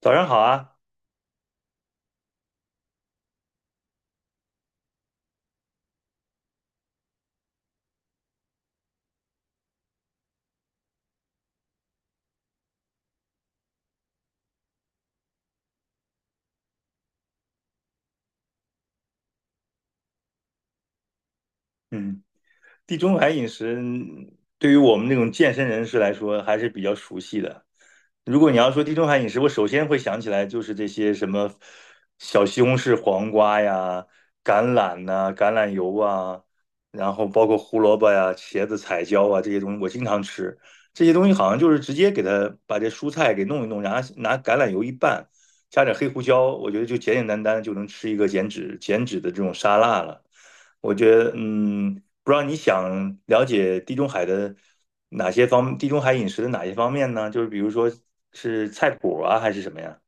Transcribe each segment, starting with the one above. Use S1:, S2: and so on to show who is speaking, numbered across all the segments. S1: 早上好啊。嗯，地中海饮食对于我们这种健身人士来说还是比较熟悉的。如果你要说地中海饮食，我首先会想起来就是这些什么小西红柿、黄瓜呀、橄榄呐、橄榄油啊，然后包括胡萝卜呀、茄子、彩椒啊这些东西，我经常吃。这些东西好像就是直接给它把这蔬菜给弄一弄，然后拿橄榄油一拌，加点黑胡椒，我觉得就简简单单就能吃一个减脂的这种沙拉了。我觉得，不知道你想了解地中海的哪些方，地中海饮食的哪些方面呢？就是比如说是菜谱啊，还是什么呀？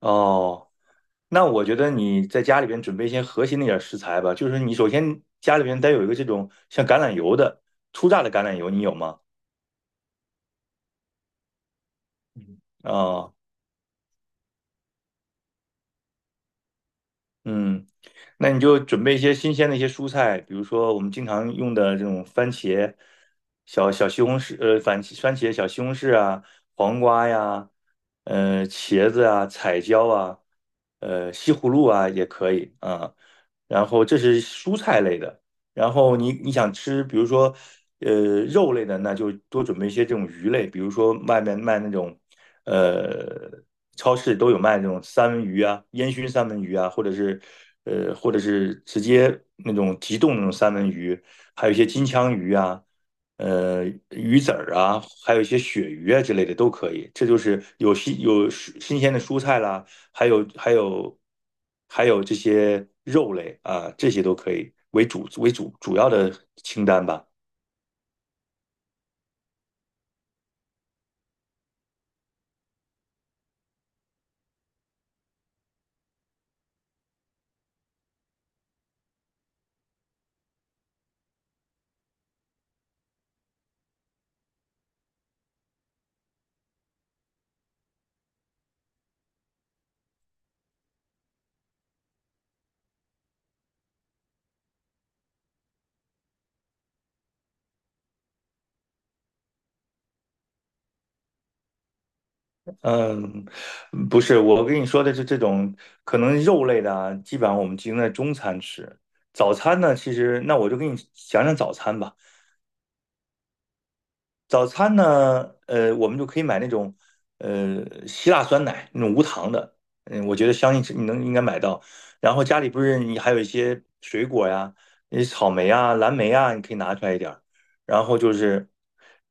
S1: 哦，那我觉得你在家里边准备一些核心的一点食材吧，就是你首先家里边得有一个这种像橄榄油的初榨的橄榄油，你有吗？啊、嗯，那你就准备一些新鲜的一些蔬菜，比如说我们经常用的这种番茄、小西红柿，番番茄、小西红柿啊，黄瓜呀，茄子啊，彩椒啊，西葫芦啊也可以啊。然后这是蔬菜类的，然后你想吃，比如说，肉类的，那就多准备一些这种鱼类，比如说外面卖那种，呃，超市都有卖那种三文鱼啊，烟熏三文鱼啊，或者是，或者是直接那种急冻那种三文鱼，还有一些金枪鱼啊，呃，鱼籽儿啊，还有一些鳕鱼啊之类的都可以。这就是有新鲜的蔬菜啦，还有还有还有这些肉类啊，这些都可以为主为主主要的清单吧。嗯，不是，我跟你说的是这种可能肉类的啊，基本上我们集中在中餐吃。早餐呢，其实那我就给你讲讲早餐吧。早餐呢，我们就可以买那种希腊酸奶那种无糖的，嗯，我觉得相信是你能应该买到。然后家里不是你还有一些水果呀，那草莓啊、蓝莓啊，你可以拿出来一点儿，然后就是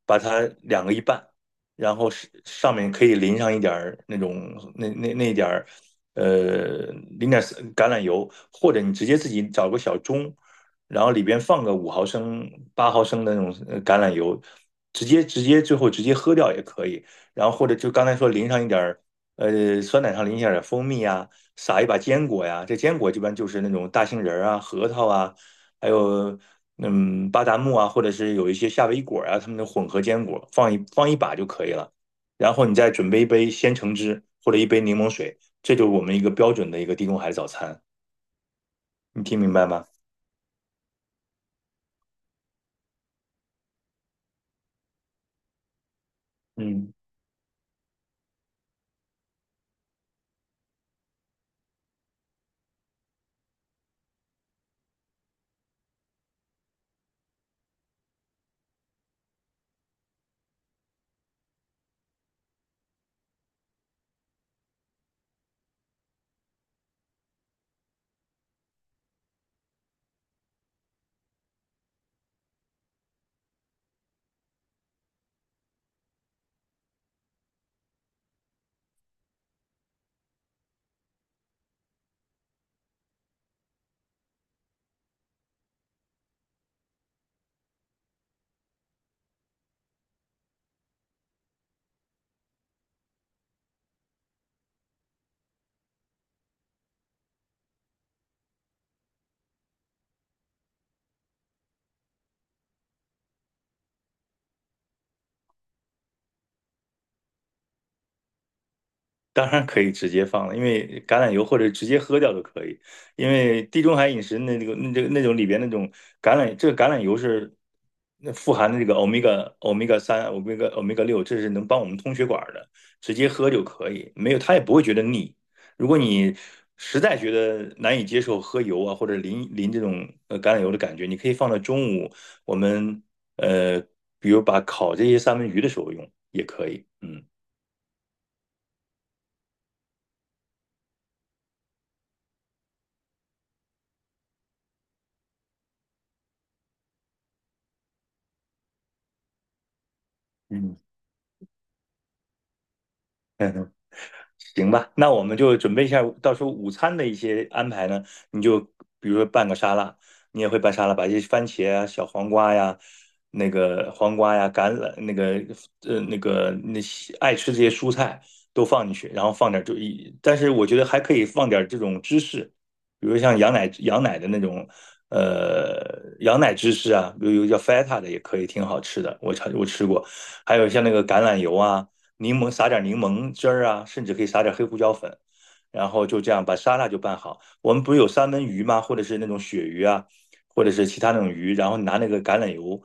S1: 把它两个一半，然后是上面可以淋上一点儿那种那那那一点儿呃淋点儿橄榄油，或者你直接自己找个小盅。然后里边放个五毫升、八毫升的那种橄榄油，直接直接最后直接喝掉也可以。然后或者就刚才说淋上一点儿，酸奶上淋一点儿蜂蜜啊，撒一把坚果呀。这坚果一般就是那种大杏仁儿啊、核桃啊，还有巴旦木啊，或者是有一些夏威夷果啊，它们的混合坚果，放一把就可以了。然后你再准备一杯鲜橙汁或者一杯柠檬水，这就是我们一个标准的一个地中海早餐。你听明白吗？嗯。当然可以直接放了，因为橄榄油或者直接喝掉都可以。因为地中海饮食那那个那这个那种里边那种橄榄，这个橄榄油是那富含的这个欧米伽三、欧米伽六，这是能帮我们通血管的，直接喝就可以，没有它也不会觉得腻。如果你实在觉得难以接受喝油啊或者淋这种橄榄油的感觉，你可以放到中午我们呃比如把烤这些三文鱼的时候用也可以，嗯。行吧，那我们就准备一下，到时候午餐的一些安排呢，你就比如说拌个沙拉，你也会拌沙拉，把一些番茄啊、小黄瓜呀、那个黄瓜呀、橄榄那个那些爱吃这些蔬菜都放进去，然后放点就一，但是我觉得还可以放点这种芝士，比如像羊奶的那种羊奶芝士啊，比如有叫 feta 的也可以，挺好吃的，我吃过，还有像那个橄榄油啊。柠檬撒点柠檬汁儿啊，甚至可以撒点黑胡椒粉，然后就这样把沙拉就拌好。我们不是有三文鱼吗？或者是那种鳕鱼啊，或者是其他那种鱼，然后拿那个橄榄油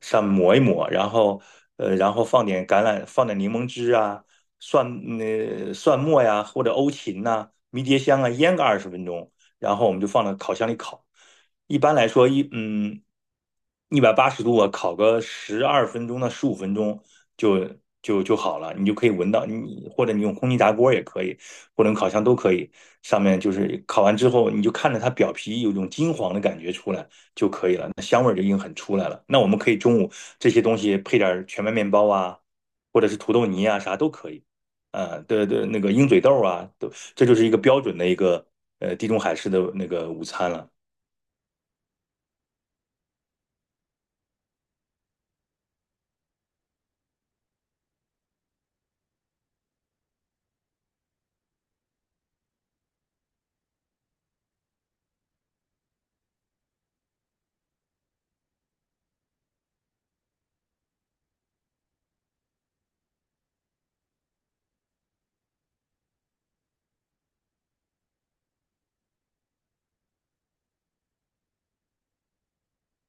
S1: 上抹一抹，然后然后放点橄榄，放点柠檬汁啊，蒜末呀，或者欧芹呐、迷迭香啊，腌个二十分钟，然后我们就放到烤箱里烤。一般来说，一百八十度啊，烤个十二分钟到十五分钟就就好了，你就可以闻到你，或者你用空气炸锅也可以，或者用烤箱都可以。上面就是烤完之后，你就看着它表皮有一种金黄的感觉出来就可以了，那香味儿就已经很出来了。那我们可以中午这些东西配点儿全麦面包啊，或者是土豆泥啊，啥都可以。对对，那个鹰嘴豆啊，都这就是一个标准的一个地中海式的那个午餐了。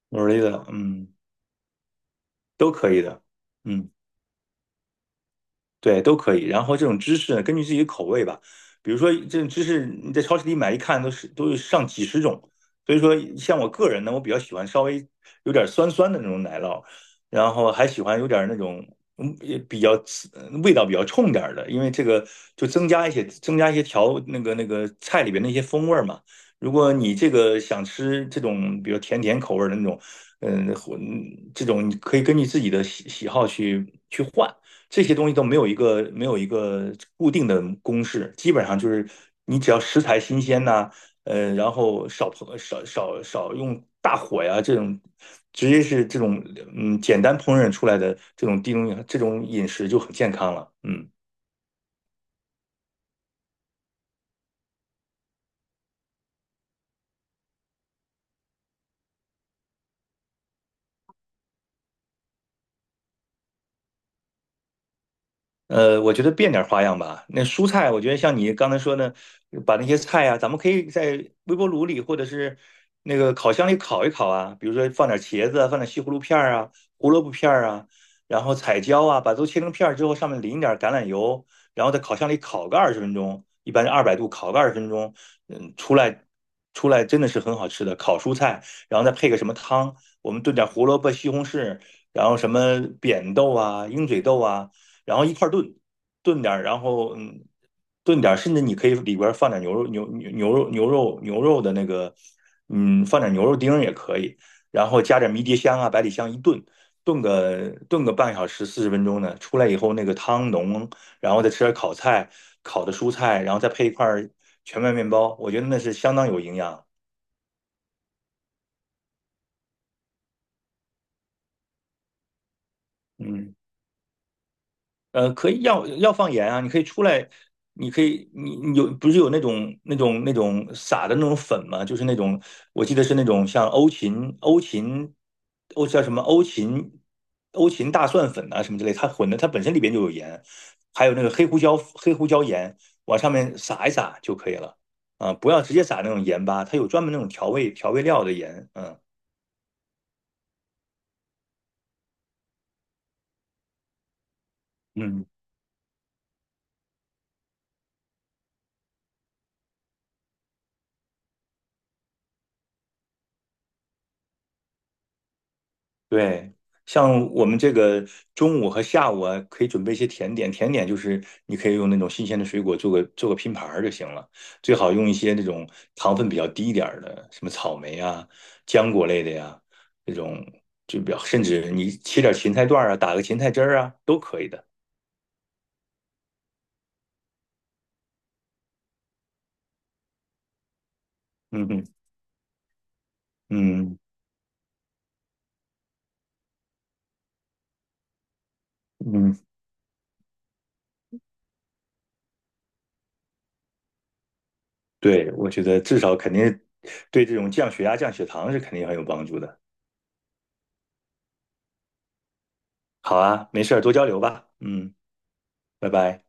S1: 努力的，嗯，都可以的，嗯。对，都可以。然后这种芝士呢，根据自己的口味吧。比如说，这种芝士你在超市里买，一看都是上几十种。所以说，像我个人呢，我比较喜欢稍微有点酸酸的那种奶酪，然后还喜欢有点那种也比较刺味道比较冲点儿的，因为这个就增加一些调那个菜里边那些风味儿嘛。如果你这个想吃这种比如甜甜口味儿的那种，嗯，这种你可以根据自己的喜好去换。这些东西都没有一个固定的公式，基本上就是你只要食材新鲜呐、然后少烹少少少用大火呀，直接是这种简单烹饪出来的这种这种饮食就很健康了，嗯。我觉得变点花样吧。那蔬菜，我觉得像你刚才说的，把那些菜啊，咱们可以在微波炉里或者是那个烤箱里烤一烤啊。比如说放点茄子啊放点西葫芦片儿啊、胡萝卜片儿啊，然后彩椒啊，把都切成片儿之后，上面淋点橄榄油，然后在烤箱里烤个二十分钟，一般是二百度烤个二十分钟，嗯，出来真的是很好吃的烤蔬菜，然后再配个什么汤，我们炖点胡萝卜、西红柿，然后什么扁豆啊、鹰嘴豆啊。然后一块炖，炖点儿，炖点儿，甚至你可以里边儿放点牛肉、牛肉的那个，嗯，放点牛肉丁儿也可以，然后加点迷迭香啊、百里香一炖，炖个半小时、四十分钟呢，出来以后那个汤浓，然后再吃点烤菜、烤的蔬菜，然后再配一块全麦面包，我觉得那是相当有营养。嗯。可以要放盐啊，你可以你你有不是有那种撒的那种粉吗？就是那种我记得是那种像欧叫什么欧芹欧芹大蒜粉啊什么之类，它混的它本身里边就有盐，还有那个黑胡椒盐往上面撒一撒就可以了啊，不要直接撒那种盐巴，它有专门那种调味料的盐，嗯。对，像我们这个中午和下午啊，可以准备一些甜点。甜点就是你可以用那种新鲜的水果做个拼盘儿就行了，最好用一些那种糖分比较低一点儿的，什么草莓啊、浆果类的呀，这种就比较，甚至你切点芹菜段儿啊，打个芹菜汁儿啊，都可以的。嗯嗯嗯嗯，对，我觉得至少肯定对这种降血压、降血糖是肯定很有帮助的。好啊，没事儿，多交流吧。嗯，拜拜。